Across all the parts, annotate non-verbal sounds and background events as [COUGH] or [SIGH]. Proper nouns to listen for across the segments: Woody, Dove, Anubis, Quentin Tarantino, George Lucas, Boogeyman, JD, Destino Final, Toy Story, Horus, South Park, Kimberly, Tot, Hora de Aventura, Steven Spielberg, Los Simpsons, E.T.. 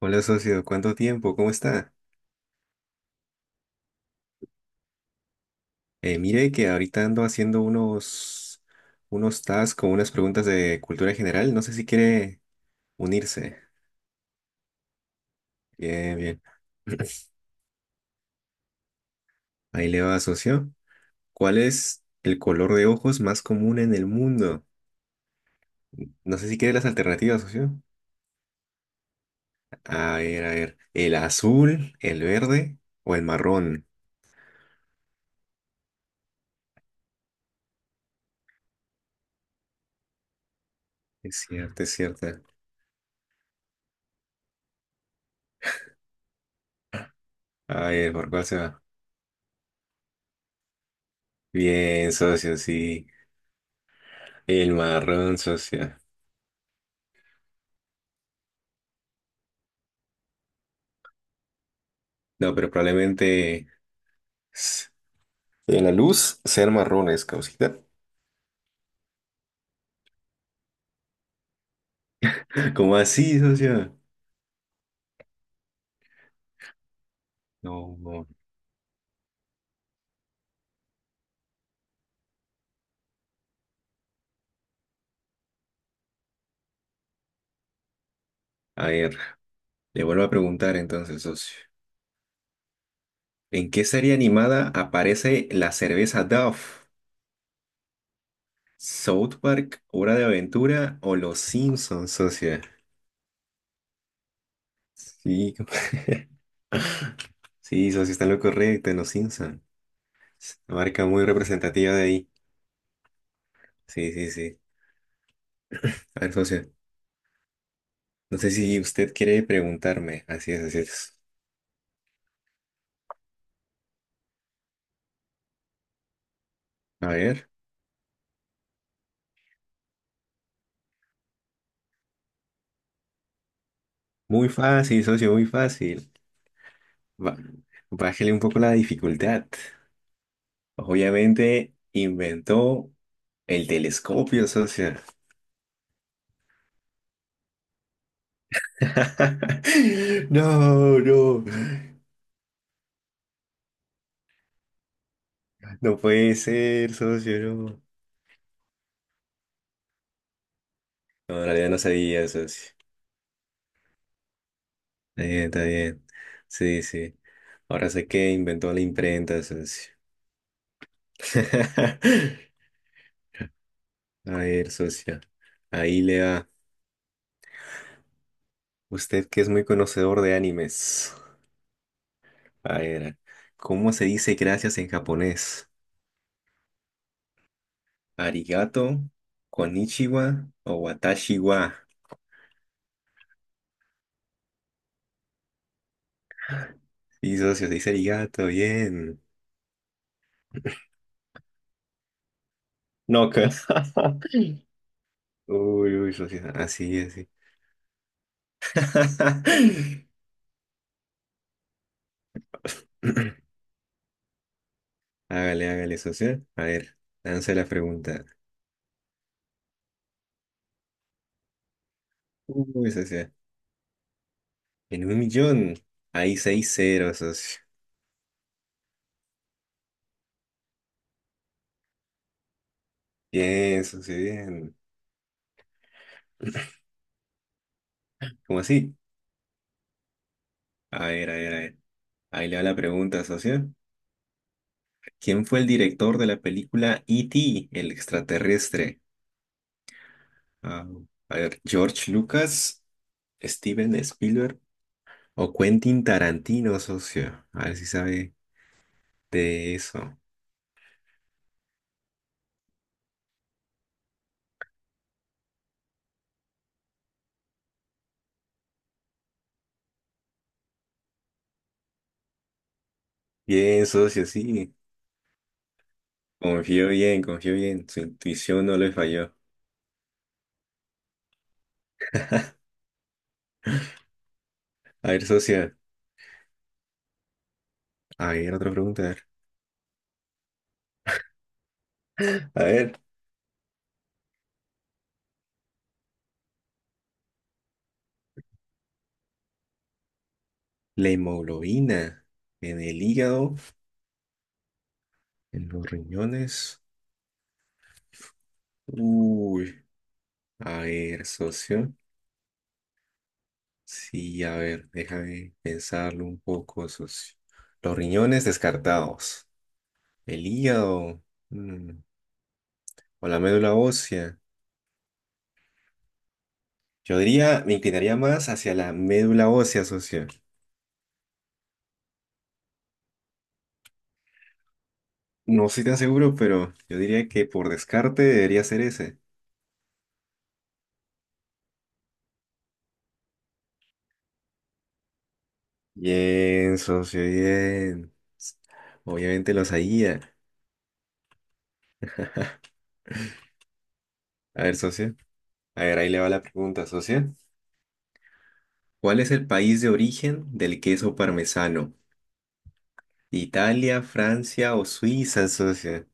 Hola socio, ¿cuánto tiempo? ¿Cómo está? Mire que ahorita ando haciendo unos tasks con unas preguntas de cultura general. No sé si quiere unirse. Bien, bien. [CLEARS THROAT] [LAUGHS] Ahí le va, socio. ¿Cuál es el color de ojos más común en el mundo? No sé si quiere las alternativas, socio. A ver, a ver. ¿El azul, el verde o el marrón? Es cierto, es cierto. A ver, ¿por cuál se va? Bien, socio, sí. El marrón, socio. No, pero probablemente. s- En la luz sean marrones, causita. ¿Cómo así, socio? No, no. A ver, le vuelvo a preguntar entonces, socio. ¿En qué serie animada aparece la cerveza Dove? ¿South Park, Hora de Aventura o Los Simpsons, socio? Sí, [LAUGHS] sí, socio, está en lo correcto, en Los Simpsons. Marca muy representativa de ahí. Sí, sí, sí. A ver, socio, no sé si usted quiere preguntarme. Así es, así es. A ver. Muy fácil, socio, muy fácil. Ba- bájele un poco la dificultad. Obviamente inventó el telescopio, socio. [LAUGHS] No, no. No puede ser, socio, no. No, en realidad no sabía, socio. Está bien, está bien. Sí, sí. Ahora sé que inventó la imprenta, socio. [LAUGHS] A ver, socio. Ahí le va. Usted que es muy conocedor de animes. A ver, ¿cómo se dice gracias en japonés? Arigato, konnichiwa o watashi wa. Y socio, se dice arigato, bien. No, [LAUGHS] Uy, uy, socio, así, así. [LAUGHS] Hágale, hágale, socio. A ver, lance la pregunta. Uy, socio. En un millón hay seis ceros, socio. Bien, socio, bien. [LAUGHS] ¿Cómo así? A ver, a ver, a ver. Ahí le va la pregunta, socio. ¿Quién fue el director de la película E.T., el extraterrestre? Ah, a ver, George Lucas, Steven Spielberg o Quentin Tarantino, socio. A ver si sabe de eso. Bien, socio, sí. Confío bien, confío bien. Su intuición no le falló. A ver, socio. A ver, otra pregunta. A ver, la hemoglobina en el hígado, en los riñones. Uy, a ver, socio. Sí, a ver, déjame pensarlo un poco, socio. Los riñones descartados. El hígado, mm, o la médula ósea. Yo diría, me inclinaría más hacia la médula ósea, socio. No estoy tan seguro, pero yo diría que por descarte debería ser ese. Bien, socio, bien. Obviamente lo sabía. A ver, socio. A ver, ahí le va la pregunta, socio. ¿Cuál es el país de origen del queso parmesano? Italia, Francia o Suiza, socio.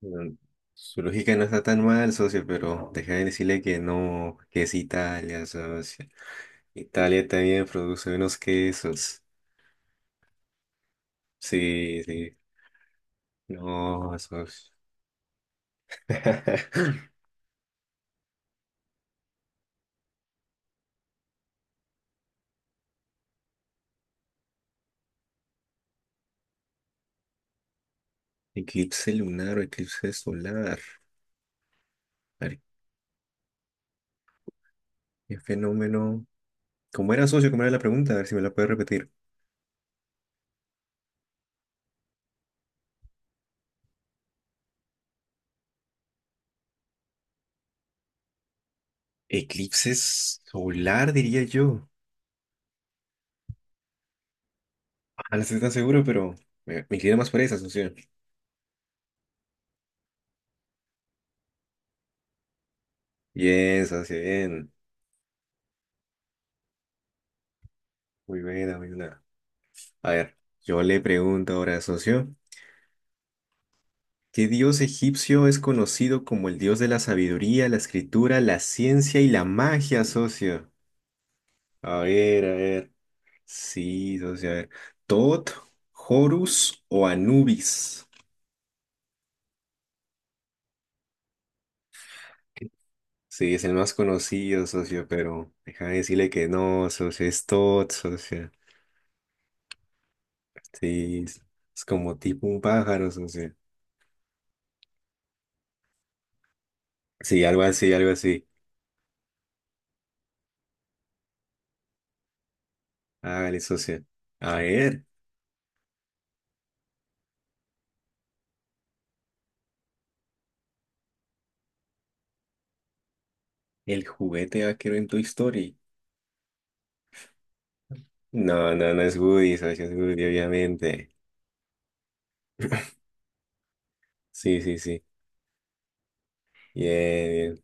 Mm, Su lógica no está tan mal, socio, pero déjame decirle que no, que es Italia, socio. Italia también produce unos quesos. Sí, sí. No, socio. [LAUGHS] Eclipse lunar o eclipse solar. A ver, qué fenómeno. ¿Cómo era, socio? ¿Cómo era la pregunta? A ver si me la puede repetir. Eclipse solar, diría yo. Ah, no estoy tan seguro, pero me inclino más por esa, socio. Bien, socio, bien. Muy buena, muy buena. A ver, yo le pregunto ahora, socio, ¿qué dios egipcio es conocido como el dios de la sabiduría, la escritura, la ciencia y la magia, socio? A ver, a ver. Sí, socio, a ver. ¿Tot, Horus o Anubis? Sí, es el más conocido, socio, pero déjame decirle que no, socio, es Tot, socio. Sí, es como tipo un pájaro, socio. Sí, algo así, algo así. Hágale, socio. A ver. El juguete vaquero en Toy Story. No, no, no es Woody, socio, es Woody, obviamente. Sí, sí, sí. Bien, bien.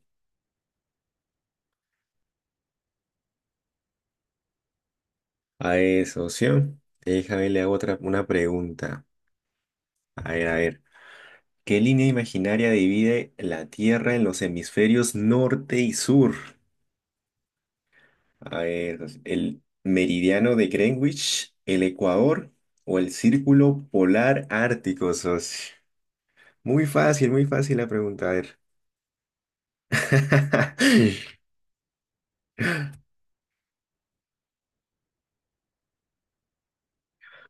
A ver, socio, déjame le hago otra, una pregunta. A ver, a ver. ¿Qué línea imaginaria divide la Tierra en los hemisferios norte y sur? A ver, socio, ¿el meridiano de Greenwich, el Ecuador o el círculo polar ártico, socio? Muy fácil la pregunta. A ver.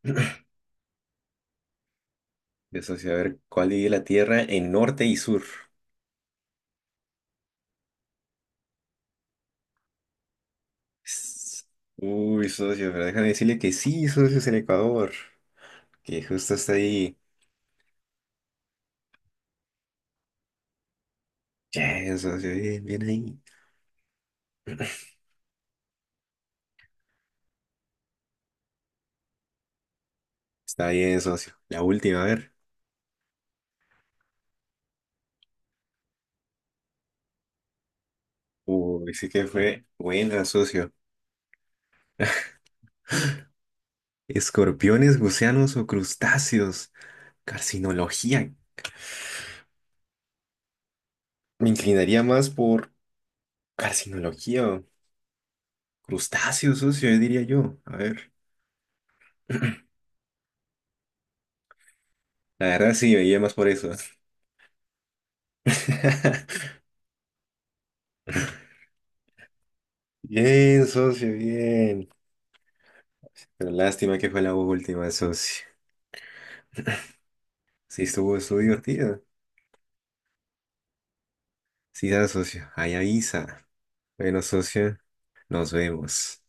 [LAUGHS] de socio, a ver, ¿cuál divide la Tierra en norte y sur? S- Uy, socio, pero déjame decirle que sí, socio, es el Ecuador, que justo está ahí. Bien, socio, bien, bien ahí. Está bien, socio. La última, a ver. Uy, sí que fue buena, socio. ¿Escorpiones, gusanos o crustáceos? Carcinología. Me inclinaría más por carcinología o crustáceos, socio, diría yo. A ver. [CLEARS THROAT] La verdad sí, me iría más por eso. [LAUGHS] Bien, socio, bien. Pero lástima que fue la última, socio. Sí, estuvo divertido. Sí, da, socio. Ahí avisa. Bueno, socio, nos vemos.